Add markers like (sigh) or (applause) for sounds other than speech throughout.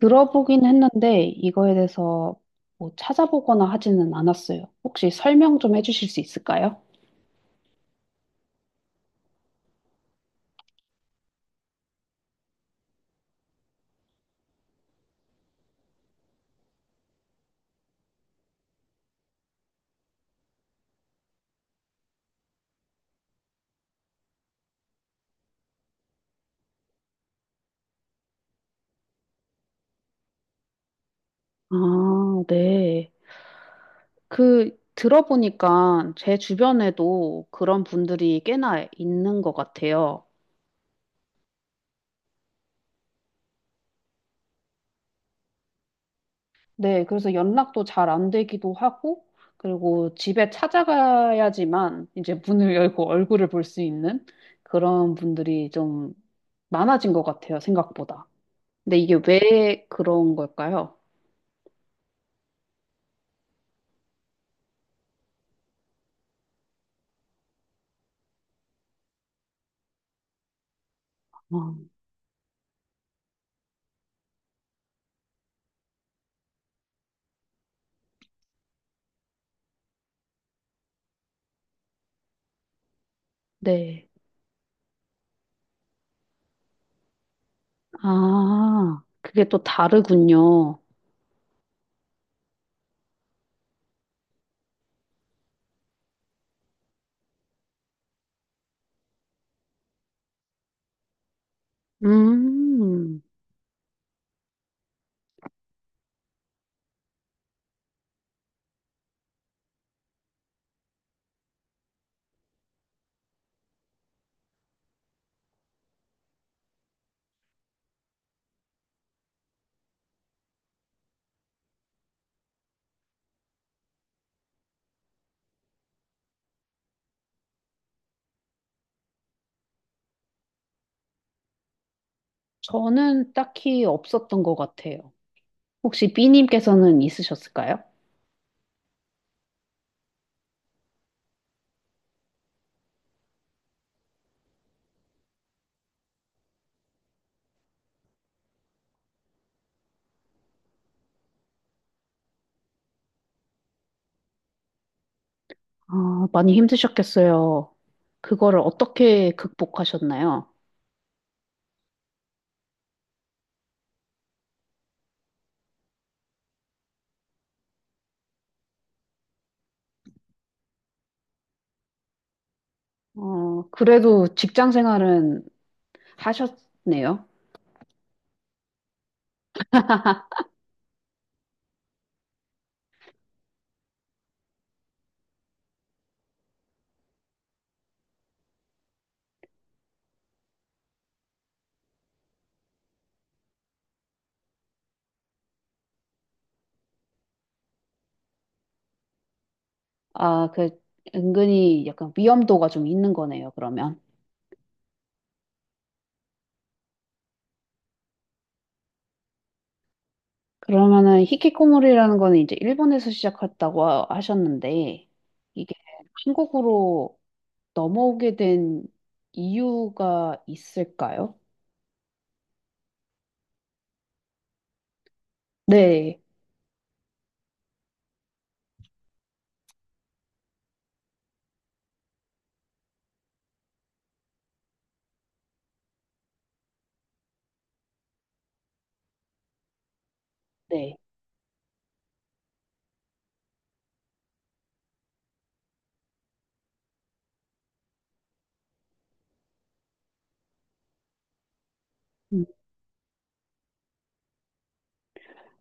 들어보긴 했는데 이거에 대해서 뭐 찾아보거나 하지는 않았어요. 혹시 설명 좀 해주실 수 있을까요? 아, 네. 그 들어보니까 제 주변에도 그런 분들이 꽤나 있는 것 같아요. 네, 그래서 연락도 잘 안 되기도 하고, 그리고 집에 찾아가야지만 이제 문을 열고 얼굴을 볼 수 있는 그런 분들이 좀 많아진 것 같아요, 생각보다. 근데 이게 왜 그런 걸까요? 네. 아, 그게 또 다르군요. 음, 저는 딱히 없었던 것 같아요. 혹시 B님께서는 있으셨을까요? 아, 많이 힘드셨겠어요. 그거를 어떻게 극복하셨나요? 그래도 직장 생활은 하셨네요. 아, 그, 은근히 약간 위험도가 좀 있는 거네요, 그러면. 그러면은 히키코모리라는 거는 이제 일본에서 시작했다고 하셨는데, 이게 한국으로 넘어오게 된 이유가 있을까요? 네, 네. 음,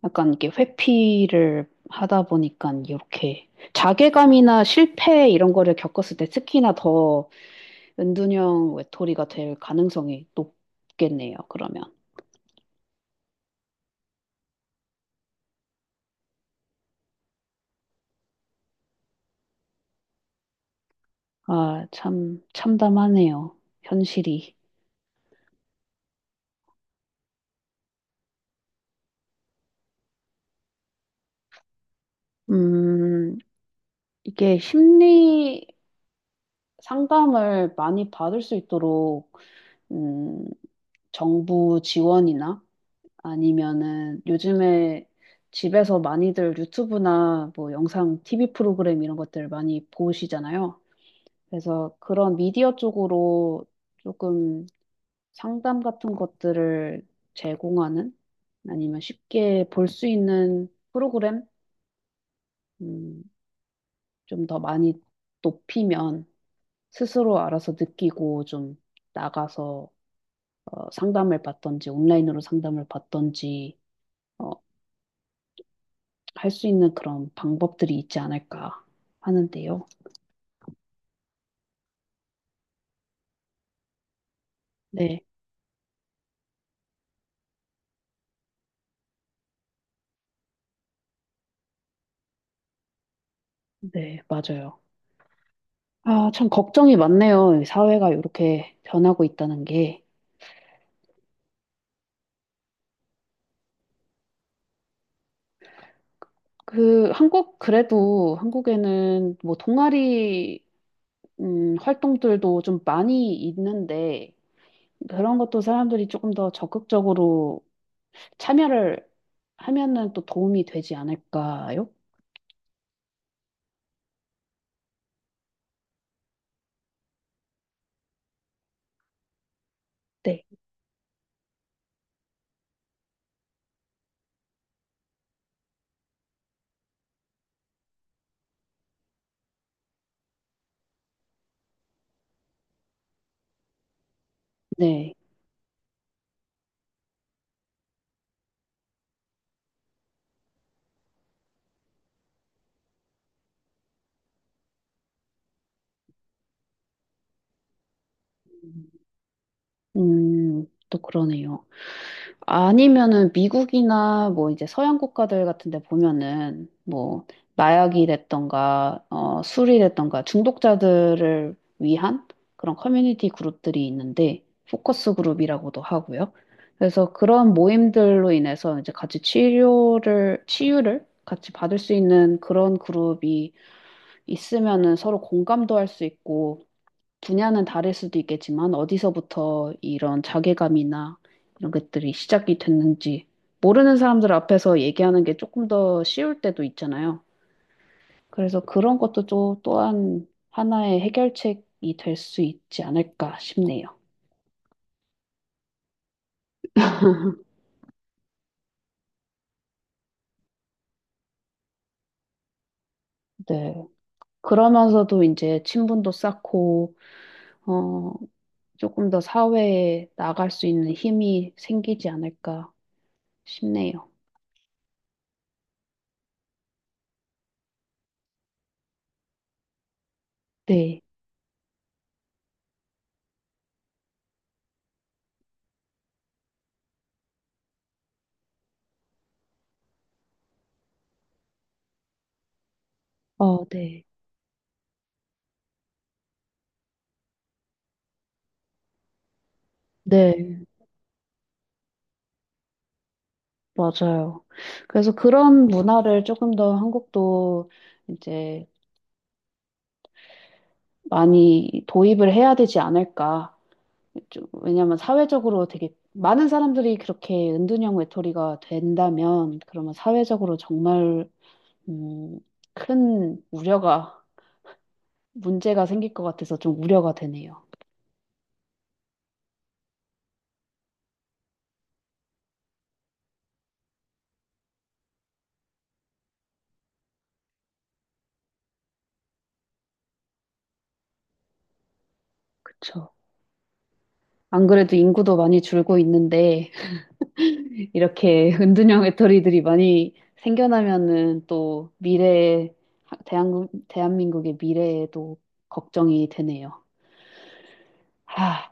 약간 이게 회피를 하다 보니까 이렇게 자괴감이나 실패 이런 거를 겪었을 때 특히나 더 은둔형 외톨이가 될 가능성이 높겠네요, 그러면. 아, 참, 참담하네요. 현실이. 음, 이게 심리 상담을 많이 받을 수 있도록, 음, 정부 지원이나 아니면은 요즘에 집에서 많이들 유튜브나 뭐 영상 TV 프로그램 이런 것들 많이 보시잖아요. 그래서 그런 미디어 쪽으로 조금 상담 같은 것들을 제공하는 아니면 쉽게 볼 수 있는 프로그램 음, 좀더 많이 높이면 스스로 알아서 느끼고 좀 나가서 상담을 받던지 온라인으로 상담을 받던지 어, 할 수 있는 그런 방법들이 있지 않을까 하는데요. 네, 네, 맞아요. 아, 참 걱정이 많네요. 이 사회가 이렇게 변하고 있다는 게. 그, 한국, 그래도 한국에는 뭐 동아리, 활동들도 좀 많이 있는데, 그런 것도 사람들이 조금 더 적극적으로 참여를 하면은 또 도움이 되지 않을까요? 네, 네. 음, 또 그러네요. 아니면은 미국이나 뭐 이제 서양 국가들 같은 데 보면은 뭐 마약이랬던가 술이랬던가 중독자들을 위한 그런 커뮤니티 그룹들이 있는데 포커스 그룹이라고도 하고요. 그래서 그런 모임들로 인해서 이제 같이 치료를 치유를 같이 받을 수 있는 그런 그룹이 있으면은 서로 공감도 할 수 있고 분야는 다를 수도 있겠지만 어디서부터 이런 자괴감이나 이런 것들이 시작이 됐는지 모르는 사람들 앞에서 얘기하는 게 조금 더 쉬울 때도 있잖아요. 그래서 그런 것도 또 또한 하나의 해결책이 될 수 있지 않을까 싶네요. 네. 그러면서도 이제 친분도 쌓고 어, 조금 더 사회에 나갈 수 있는 힘이 생기지 않을까 싶네요. 네. 어, 네. 네. 맞아요. 그래서 그런 문화를 조금 더 한국도 이제 많이 도입을 해야 되지 않을까. 좀- 왜냐면 사회적으로 되게 많은 사람들이 그렇게 은둔형 외톨이가 된다면 그러면 사회적으로 정말 음, 큰 우려가 문제가 생길 것 같아서 좀 우려가 되네요. 그쵸. 안 그래도 인구도 많이 줄고 있는데 이렇게 (laughs) 은둔형 외톨이들이 많이 생겨나면은 또 미래에, 대한민국, 대한민국의 미래에도 걱정이 되네요. 아,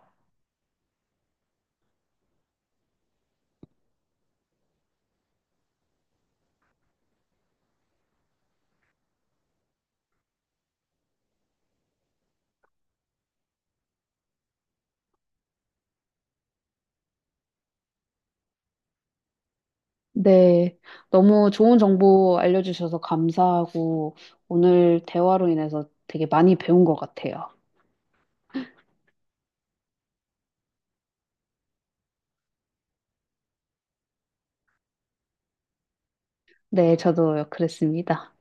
네. 너무 좋은 정보 알려주셔서 감사하고 오늘 대화로 인해서 되게 많이 배운 것 같아요. 네, 저도 그랬습니다.